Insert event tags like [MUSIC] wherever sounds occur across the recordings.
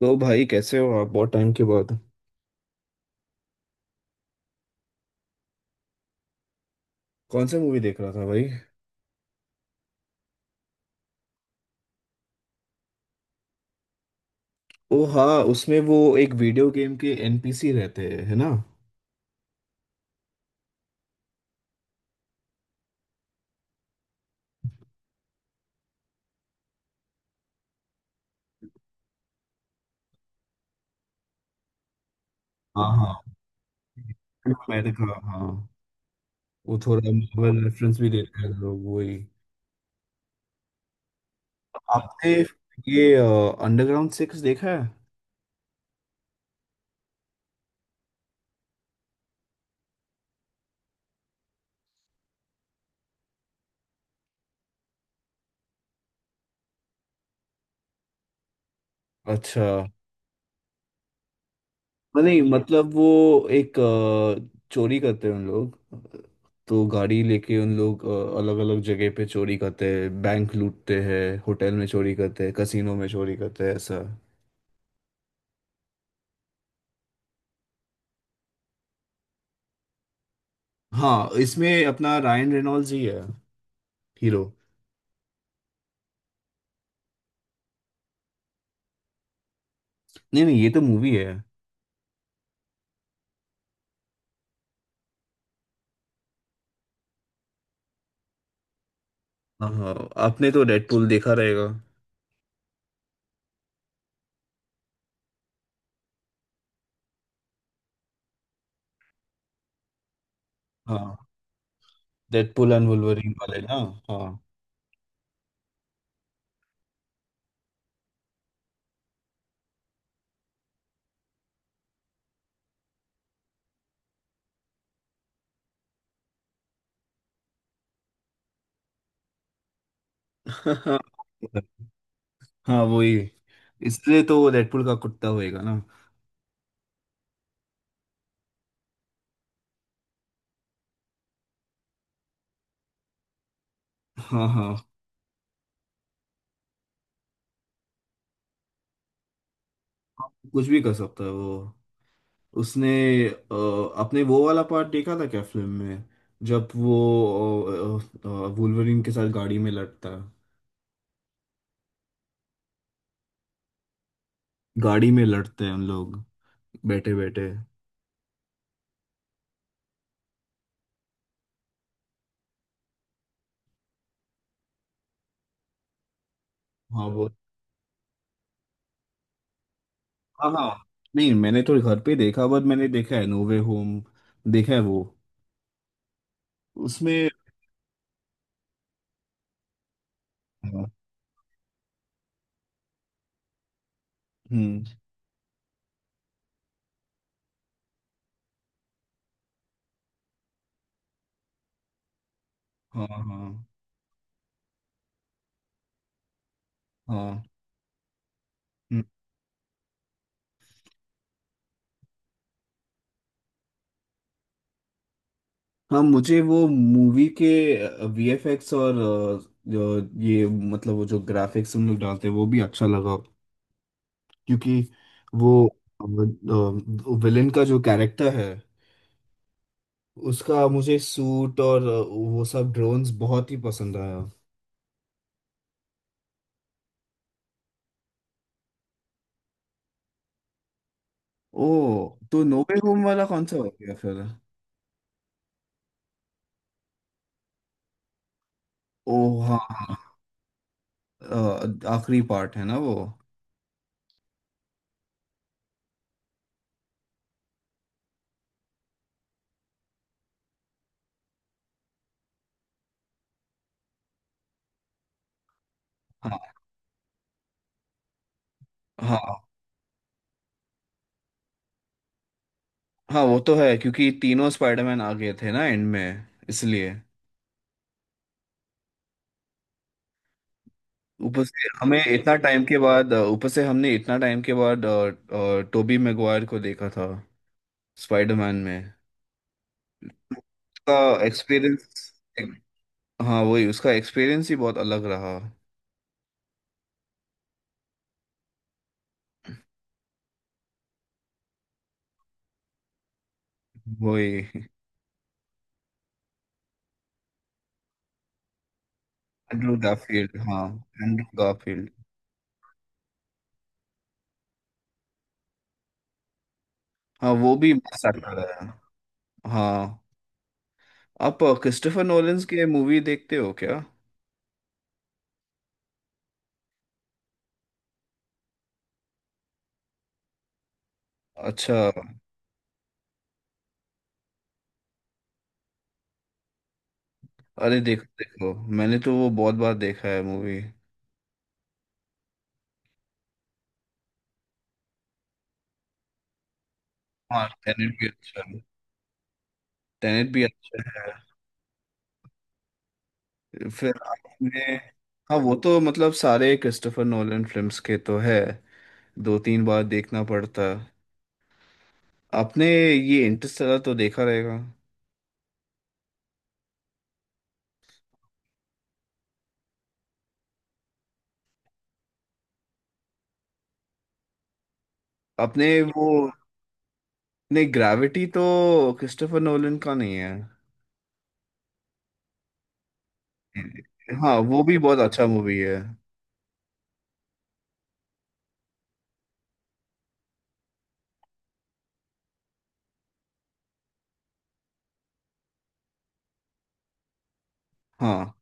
तो भाई, कैसे हो आप? बहुत टाइम के बाद। कौन सा मूवी देख रहा था भाई? ओ हाँ। उसमें वो एक वीडियो गेम के एनपीसी रहते हैं, है ना? हाँ हाँ, मैं देखा हाँ। वो थोड़ा मार्वल रेफरेंस भी देते हैं लोग, वही। आपने ये अंडरग्राउंड सिक्स देखा है? अच्छा। नहीं मतलब वो एक चोरी करते हैं उन लोग, तो गाड़ी लेके उन लोग अलग अलग जगह पे चोरी करते हैं, बैंक लूटते हैं, होटल में चोरी करते हैं, कसीनो में चोरी करते हैं, ऐसा। हाँ, इसमें अपना रायन रेनॉल्ड्स ही है, हीरो। नहीं नहीं, ये तो मूवी है। हाँ हाँ, आपने तो डेडपूल देखा रहेगा। हाँ, डेडपूल एंड वुल्वरीन वाले ना। हाँ। [LAUGHS] हाँ वही, इसलिए तो वो डेडपूल का कुत्ता होएगा ना। हाँ हाँ, कुछ भी कर सकता है वो। उसने अ, आपने वो वाला पार्ट देखा था क्या फिल्म में? जब वो वुल्वरीन के साथ गाड़ी में लड़ता है। गाड़ी में लड़ते हैं हम लोग, बैठे बैठे। हाँ वो। हाँ हाँ, नहीं मैंने तो घर पे देखा, बट मैंने देखा है नोवे होम, देखा है वो। उसमें हाँ, हम्म। हाँ हाँ हाँ। हम्म। हाँ, मुझे वो मूवी के वीएफएक्स और जो ये मतलब वो जो ग्राफिक्स उन लोग डालते हैं वो भी अच्छा लगा, क्योंकि वो विलेन का जो कैरेक्टर है उसका मुझे सूट और वो सब ड्रोन्स बहुत ही पसंद आया। ओ, तो नोवे होम वाला कौन सा हो गया फिर? ओ हाँ हाँ। आखिरी पार्ट है ना वो। हाँ हाँ, हाँ वो तो है क्योंकि तीनों स्पाइडरमैन आ गए थे ना एंड में, इसलिए ऊपर से हमें इतना टाइम के बाद, ऊपर से हमने इतना टाइम के बाद टोबी मैगवायर को देखा था स्पाइडरमैन में। उसका एक्सपीरियंस, हाँ वही, उसका एक्सपीरियंस ही बहुत अलग रहा। वही एंड्रू गारफील्ड। हाँ, एंड्रू गारफील्ड। हाँ, वो भी मस्त एक्टर है। हाँ, आप क्रिस्टोफर नोलन्स के मूवी देखते हो क्या? अच्छा। अरे देखो देखो, मैंने तो वो बहुत बार देखा है मूवी। हाँ, टेनेट भी अच्छा है, टेनेट भी अच्छा है। फिर आपने, हाँ वो तो मतलब सारे क्रिस्टोफर नोलन फिल्म्स के तो है, दो तीन बार देखना पड़ता है। आपने ये इंटरस्टेलर तो देखा रहेगा। आपने वो, नहीं ग्रेविटी तो क्रिस्टोफर नोलन का नहीं है। हाँ वो भी बहुत अच्छा मूवी है। हाँ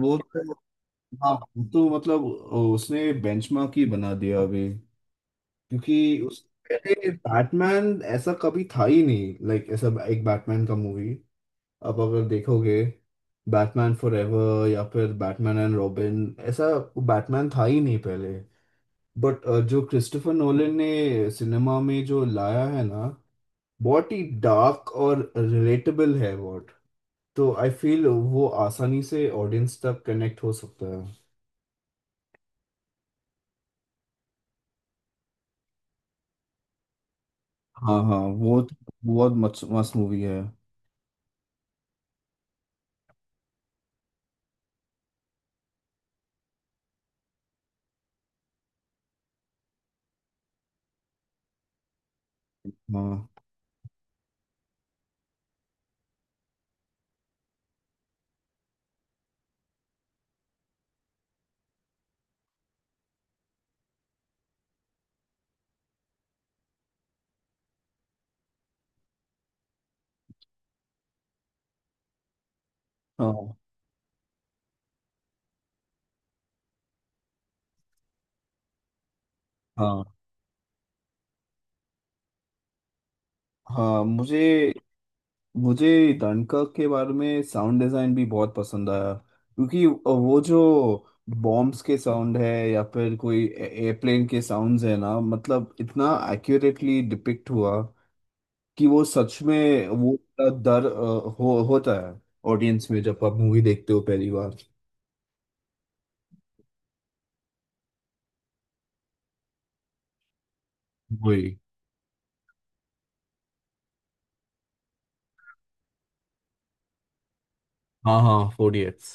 वो तो, हाँ वो तो मतलब उसने बेंचमार्क ही बना दिया अभी, क्योंकि उस पहले बैटमैन ऐसा कभी था ही नहीं, लाइक ऐसा एक बैटमैन का मूवी। अब अगर देखोगे बैटमैन फॉरएवर या फिर बैटमैन एंड रॉबिन, ऐसा बैटमैन था ही नहीं पहले। बट जो क्रिस्टोफर नोलन ने सिनेमा में जो लाया है ना, बहुत ही डार्क और रिलेटेबल है बहुत। तो आई फील वो आसानी से ऑडियंस तक कनेक्ट हो सकता है। हाँ हाँ, वो तो बहुत मस्त मस्त मूवी है। हाँ हाँ। हाँ। हाँ मुझे मुझे डनकर्क के बारे में साउंड डिजाइन भी बहुत पसंद आया, क्योंकि वो जो बॉम्ब्स के साउंड है या फिर कोई एयरप्लेन के साउंड्स है ना, मतलब इतना एक्यूरेटली डिपिक्ट हुआ कि वो सच में वो इतना डर हो होता है ऑडियंस में जब आप मूवी देखते हो पहली बार। वही। हाँ हाँ, फोर इडियट्स।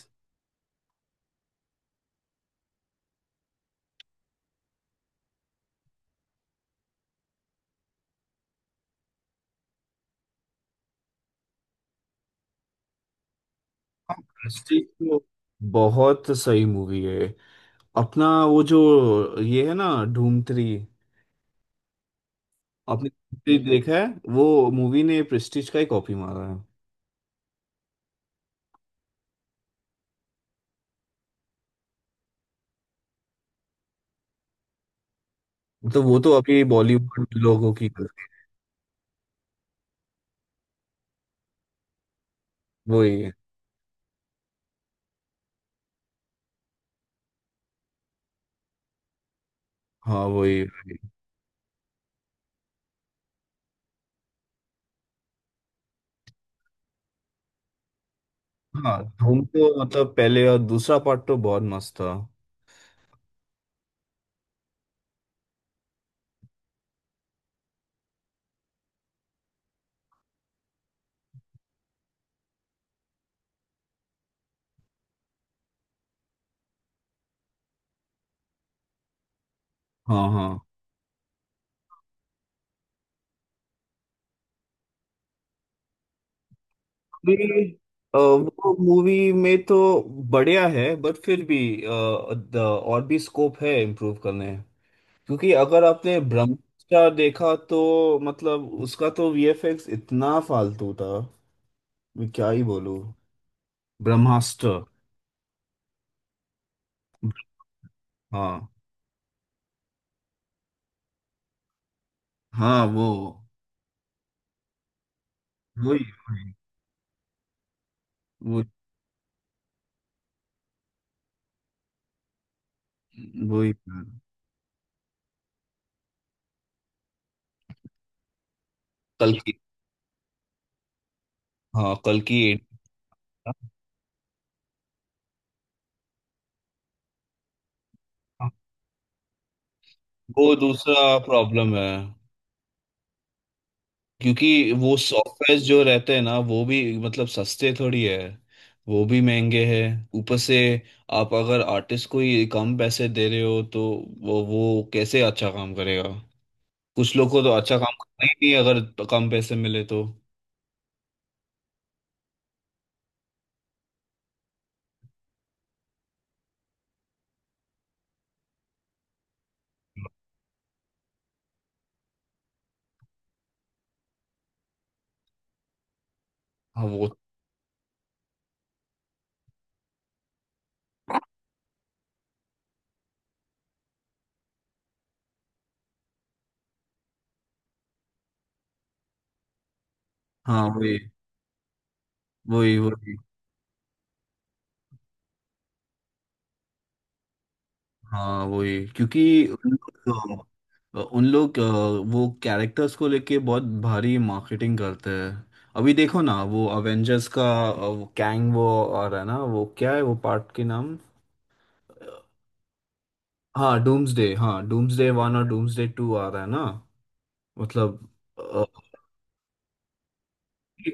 हाँ, प्रेस्टीज तो बहुत सही मूवी है। अपना वो जो ये है ना धूम थ्री। आपने प्रेस्टीज देखा है? वो मूवी ने प्रेस्टीज का ही कॉपी मारा है। तो वो तो अभी बॉलीवुड लोगों की गलती। वही है। हाँ वही है। हाँ धूम तो मतलब पहले और दूसरा पार्ट तो बहुत मस्त था। हाँ हाँ। अभी, वो मूवी में तो बढ़िया है बट फिर भी और भी स्कोप है इम्प्रूव करने, क्योंकि अगर आपने ब्रह्मास्त्र देखा तो मतलब उसका तो वीएफएक्स इतना फालतू था, मैं क्या ही बोलूँ। ब्रह्मास्त्र। हाँ। हाँ वो, वही वही वो वही। कल की, हाँ कल की एट। वो दूसरा प्रॉब्लम है, क्योंकि वो सॉफ्टवेयर जो रहते हैं ना वो भी मतलब सस्ते थोड़ी है, वो भी महंगे हैं ऊपर से। आप अगर आर्टिस्ट को ही कम पैसे दे रहे हो तो वो कैसे अच्छा काम करेगा? कुछ लोग को तो अच्छा काम करना ही नहीं है, अगर कम पैसे मिले तो। हाँ वो। हाँ वही वही वही। हाँ वही, क्योंकि उन लोग उन लोग वो कैरेक्टर्स को लेके बहुत भारी मार्केटिंग करते हैं। अभी देखो ना वो अवेंजर्स का वो कैंग, वो और है ना, वो क्या है वो पार्ट के नाम? अ, हाँ डूम्सडे। हाँ, डूम्सडे वन और डूम्सडे टू आ रहा है ना, मतलब।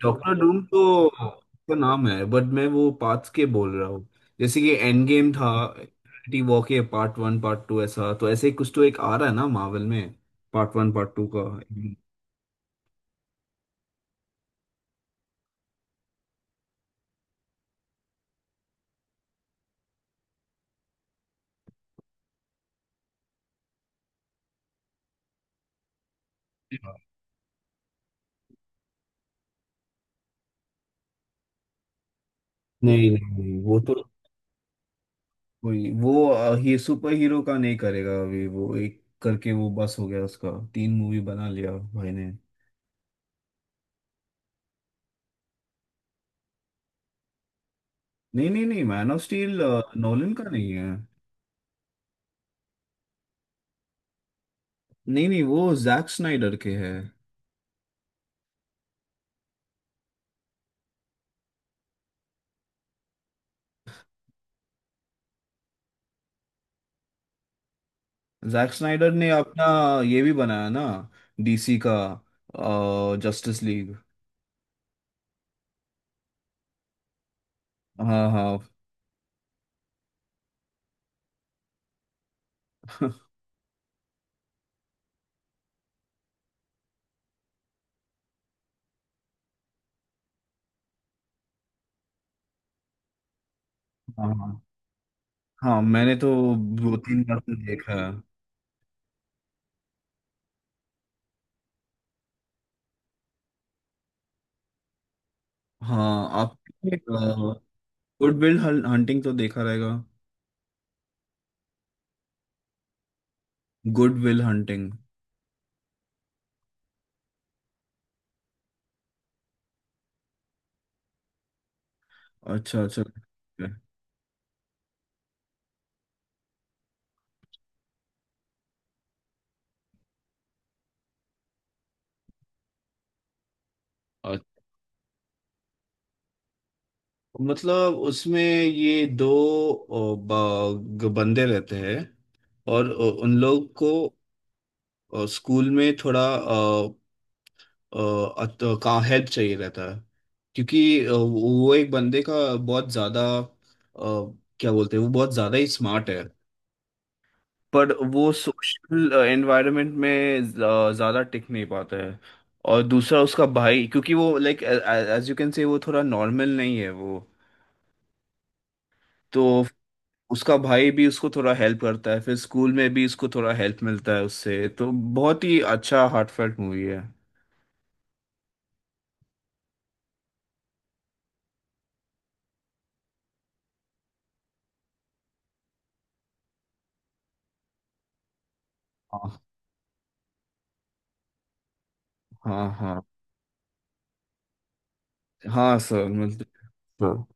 डॉक्टर डूम तो उसका नाम है, बट मैं वो पार्ट्स के बोल रहा हूँ। जैसे कि एंड गेम था, इन्फिनिटी वॉर के पार्ट वन पार्ट टू, ऐसा तो ऐसे ही कुछ तो एक आ रहा है ना मार्वल में, पार्ट वन पार्ट टू का। नहीं नहीं नहीं, वो तो कोई वो ही सुपर हीरो का नहीं करेगा अभी, वो एक करके वो बस हो गया, उसका तीन मूवी बना लिया भाई ने। नहीं नहीं नहीं, मैन ऑफ स्टील नोलन का नहीं है। नहीं नहीं, वो जैक स्नाइडर के है। जैक स्नाइडर ने अपना ये भी बनाया ना, डीसी का जस्टिस लीग। हाँ हाँ। [LAUGHS] हाँ हाँ। हाँ, मैंने तो दो तीन बार तो देखा है। हाँ, आपने गुड विल हंटिंग तो देखा रहेगा। Good Will Hunting. अच्छा अच्छा। और मतलब उसमें ये दो बंदे रहते हैं, और उन लोग को स्कूल में थोड़ा कहाँ हेल्प चाहिए रहता है, क्योंकि वो एक बंदे का बहुत ज्यादा क्या बोलते हैं, वो बहुत ज्यादा ही स्मार्ट है, पर वो सोशल एनवायरनमेंट में ज्यादा टिक नहीं पाता है। और दूसरा उसका भाई, क्योंकि वो like as you can say वो थोड़ा नॉर्मल नहीं है वो, तो उसका भाई भी उसको थोड़ा हेल्प करता है, फिर स्कूल में भी उसको थोड़ा हेल्प मिलता है उससे, तो बहुत ही अच्छा हार्टफेल्ट मूवी है। हाँ हाँ। हाँ हाँ सर, मिलते हैं।